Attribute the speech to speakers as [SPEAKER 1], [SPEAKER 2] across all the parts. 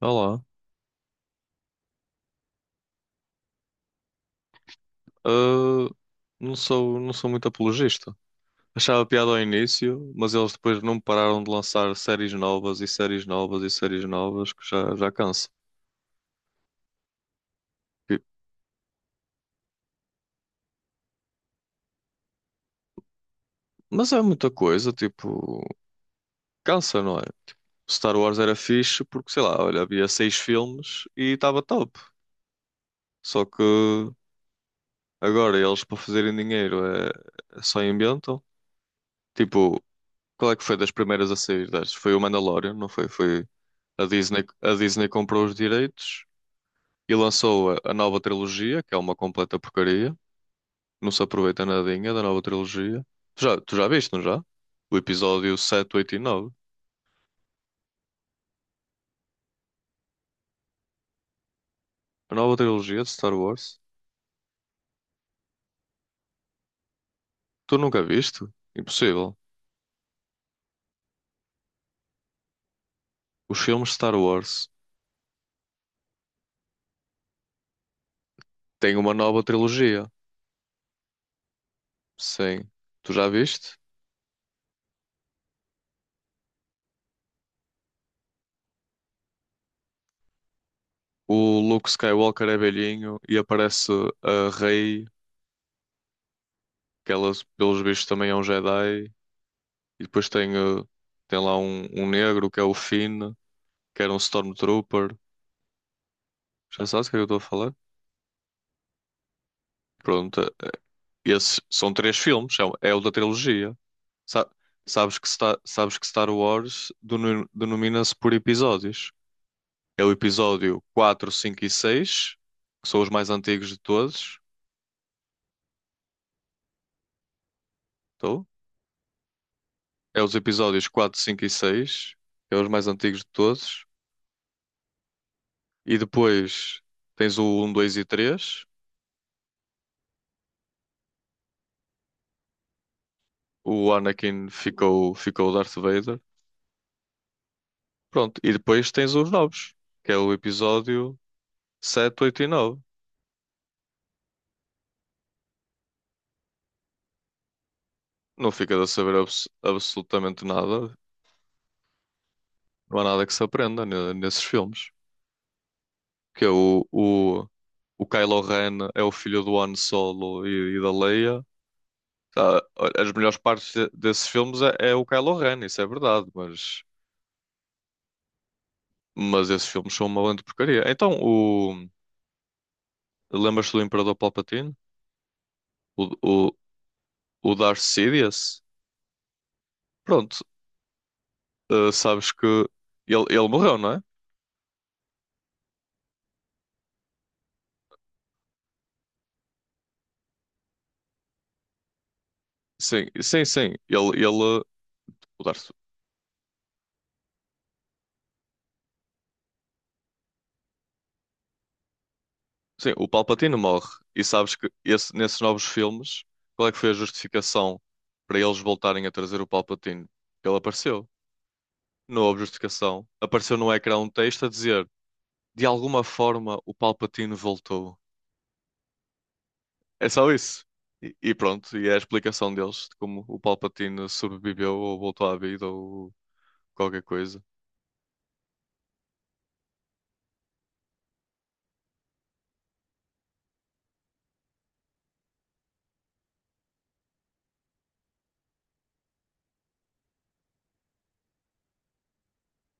[SPEAKER 1] Olá. Ah, não sou muito apologista. Achava piada ao início, mas eles depois não pararam de lançar séries novas e séries novas e séries novas que já, já cansa. E- Mas é muita coisa, tipo, cansa, não é? Star Wars era fixe porque, sei lá, olha, havia seis filmes e estava top. Só que agora eles para fazerem dinheiro é só inventam. Tipo, qual é que foi das primeiras a sair das? Foi o Mandalorian, não foi? Foi a Disney comprou os direitos. E lançou a nova trilogia, que é uma completa porcaria. Não se aproveita nadinha da nova trilogia. Tu já viste, não já? O episódio 7, 8 e 9. A nova trilogia de Star Wars. Tu nunca viste? Impossível. Os filmes de Star Wars têm uma nova trilogia. Sim. Tu já viste? O Luke Skywalker é velhinho e aparece a Rey, que ela, pelos bichos também é um Jedi. E depois tem lá um negro que é o Finn, que era um Stormtrooper. Já sabes o que é que eu estou a falar? Pronto, esses são três filmes, o é o da trilogia. Sa- sabes que, sabes que Star Wars denomina-se por episódios. É o episódio 4, 5 e 6 que são os mais antigos de todos. Estou? É os episódios 4, 5 e 6 que é os mais antigos de todos. E depois tens o 1, 2 e 3. O Anakin ficou Darth Vader. Pronto, e depois tens os novos, que é o episódio 7, 8 e 9. Não ficas a saber absolutamente nada. Não há nada que se aprenda nesses filmes. Que é o Kylo Ren é o filho do Han Solo e da Leia. Tá, as melhores partes desses filmes é o Kylo Ren, isso é verdade, mas esses filmes são uma grande porcaria. Então, lembras-te do Imperador Palpatine? O, o, o Darth Sidious? Pronto, sabes que ele morreu, não é? Sim, sim, sim. Ele, o Darth. Sim, o Palpatine morre. E sabes que nesses novos filmes, qual é que foi a justificação para eles voltarem a trazer o Palpatine? Ele apareceu. Não houve justificação. Apareceu no ecrã um texto a dizer: de alguma forma o Palpatine voltou. É só isso. E pronto, e é a explicação deles de como o Palpatine sobreviveu ou voltou à vida ou qualquer coisa.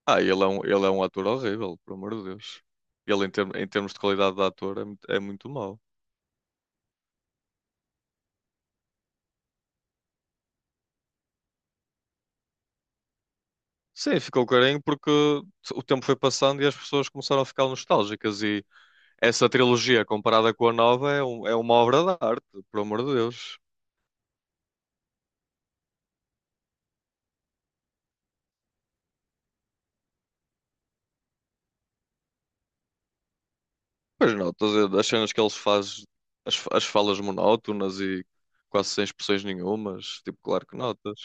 [SPEAKER 1] Ah, ele é um ator horrível, pelo amor de Deus. Em termos de qualidade de ator, é muito mau. Sim, ficou carinho porque o tempo foi passando e as pessoas começaram a ficar nostálgicas. E essa trilogia, comparada com a nova, é uma obra de arte, por amor de Deus. Pois não, todas as cenas que eles fazem, as falas monótonas e quase sem expressões nenhumas, tipo, claro que notas.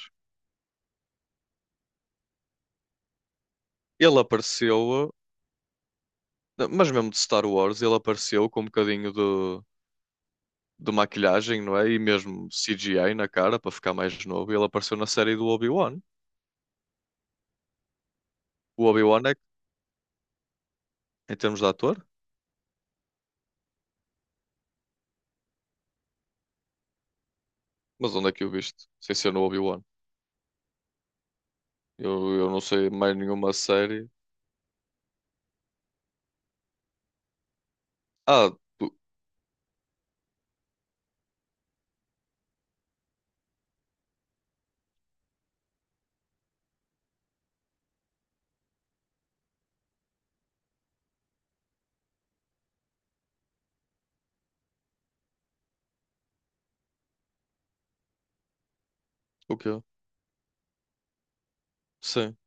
[SPEAKER 1] Ele apareceu, mas mesmo de Star Wars, ele apareceu com um bocadinho de maquilhagem, não é? E mesmo CGI na cara, para ficar mais novo. Ele apareceu na série do Obi-Wan. O Obi-Wan é, em termos de ator. Mas onde é que o viste? Sem ser no Obi-Wan. Eu não sei mais nenhuma série. Ah, tu- o quê? Sim.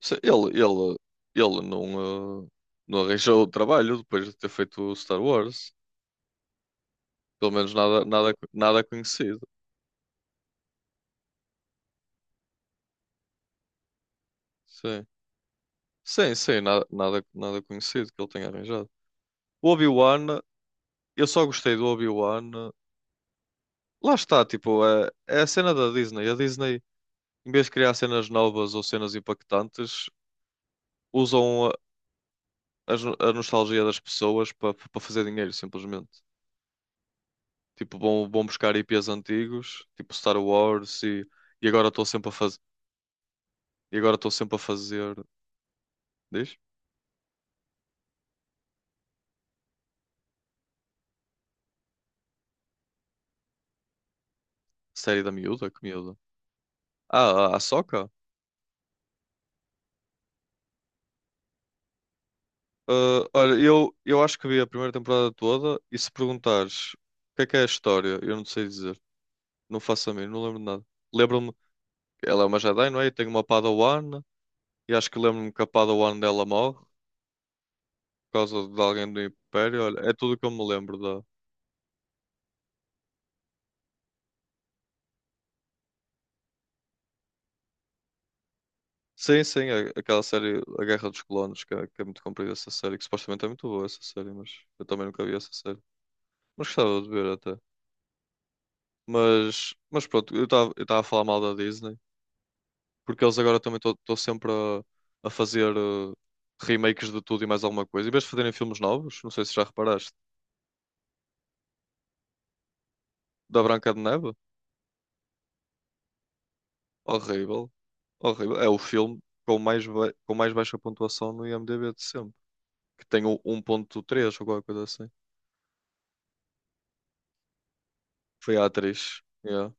[SPEAKER 1] Sim. Ele não arranjou o trabalho depois de ter feito o Star Wars. Pelo menos nada, nada, nada conhecido. Sim. Sim, sim, nada, nada, nada conhecido que ele tenha arranjado. O Obi-Wan, eu só gostei do Obi-Wan. Lá está, tipo, é a cena da Disney. A Disney, em vez de criar cenas novas ou cenas impactantes, usam a nostalgia das pessoas para fazer dinheiro, simplesmente. Tipo, vão buscar IPs antigos, tipo Star Wars, e agora estou sempre a fazer. E agora estou sempre a fazer. Diz? Série da miúda? Que miúda? Ah, a Ahsoka? Ah, olha, eu acho que vi a primeira temporada toda e se perguntares o que é a história, eu não sei dizer. Não faço a mim, não lembro de nada. Lembro-me que ela é uma Jedi, não é? E tem uma Padawan, e acho que lembro-me que a Padawan dela morre por causa de alguém do Império. Olha, é tudo que eu me lembro. Sim, sim, aquela série A Guerra dos Clones, que é muito comprida essa série, que supostamente é muito boa essa série, mas eu também nunca vi essa série. Mas gostava de ver até. Mas pronto, eu estava a falar mal da Disney, porque eles agora também estão sempre a fazer remakes de tudo e mais alguma coisa. Em vez de fazerem filmes novos, não sei se já reparaste, da Branca de Neve, horrível, horrível. É o filme com mais, com mais baixa pontuação no IMDb de sempre, que tem o 1,3 ou qualquer coisa assim. Foi a atriz. Yeah.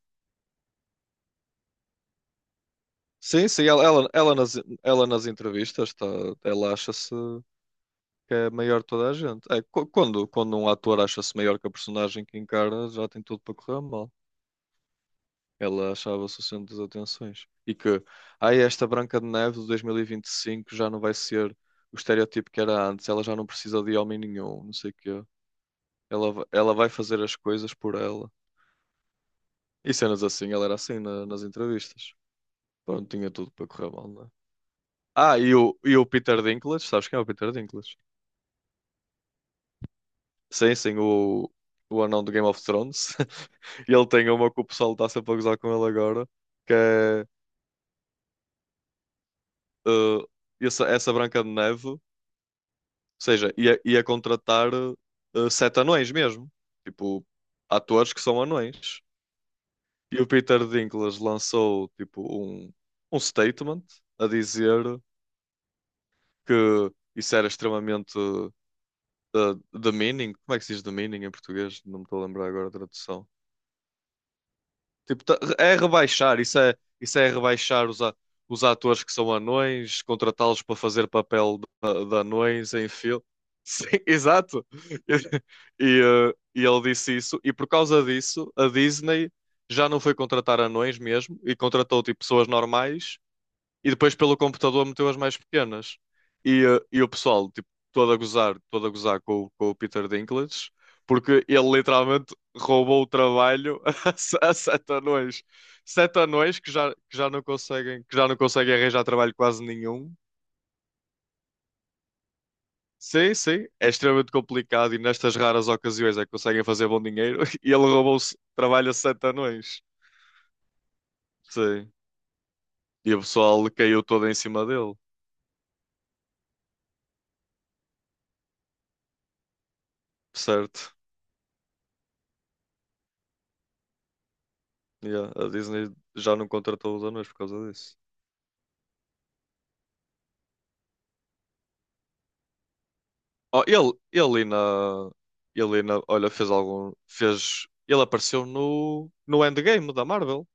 [SPEAKER 1] Sim, sim, ela nas entrevistas, tá, ela acha-se que é maior de toda a gente. É, quando um ator acha-se maior que a personagem que encarna, já tem tudo para correr mal. Ela achava-se o centro das atenções. E que, ai, esta Branca de Neve de 2025 já não vai ser o estereótipo que era antes, ela já não precisa de homem nenhum, não sei o quê. Ela vai fazer as coisas por ela. E cenas assim, ela era assim nas entrevistas. Pronto, tinha tudo para correr mal, não é? Ah, e o Peter Dinklage, sabes quem é o Peter Dinklage? Sim, sim, o anão do Game of Thrones. E ele tem uma que o pessoal está sempre a gozar com ele agora, que é eh, essa Branca de Neve, ou seja, ia contratar sete anões mesmo, tipo, atores que são anões. E o Peter Dinklage lançou, tipo, um, um statement a dizer que isso era extremamente eh, demeaning. Como é que se diz demeaning em português? Não me estou a lembrar agora a tradução. Tipo, é rebaixar, isso é rebaixar os atores que são anões, contratá-los para fazer papel de anões em filme. Sim, exato. E ele disse isso, e por causa disso, a Disney já não foi contratar anões mesmo, e contratou tipo, pessoas normais e depois pelo computador meteu as mais pequenas. E o pessoal, tipo, todo a gozar com, com o Peter Dinklage, porque ele literalmente roubou o trabalho a, se- a sete anões. Sete anões que já não conseguem, que já não conseguem arranjar trabalho quase nenhum. Sim, sim, é extremamente complicado e nestas raras ocasiões é que conseguem fazer bom dinheiro. E ele roubou o trabalho a sete anões. Sim. E o pessoal caiu todo em cima dele, certo? Yeah, a Disney já não contratou os anões por causa disso. Oh, olha, ele apareceu no Endgame da Marvel.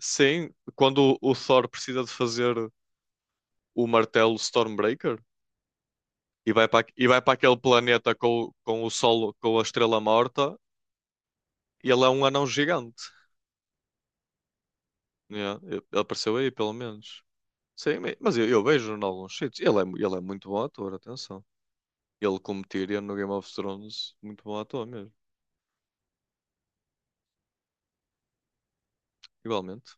[SPEAKER 1] Sim, quando o Thor precisa de fazer o martelo Stormbreaker e vai para aquele planeta com, com o sol, com a estrela morta, ele é um anão gigante. Yeah, ele apareceu aí, pelo menos. Sim, mas eu vejo em alguns sítios. Ele é muito bom ator, atenção. Ele como Tyrion no Game of Thrones, muito bom ator mesmo. Igualmente.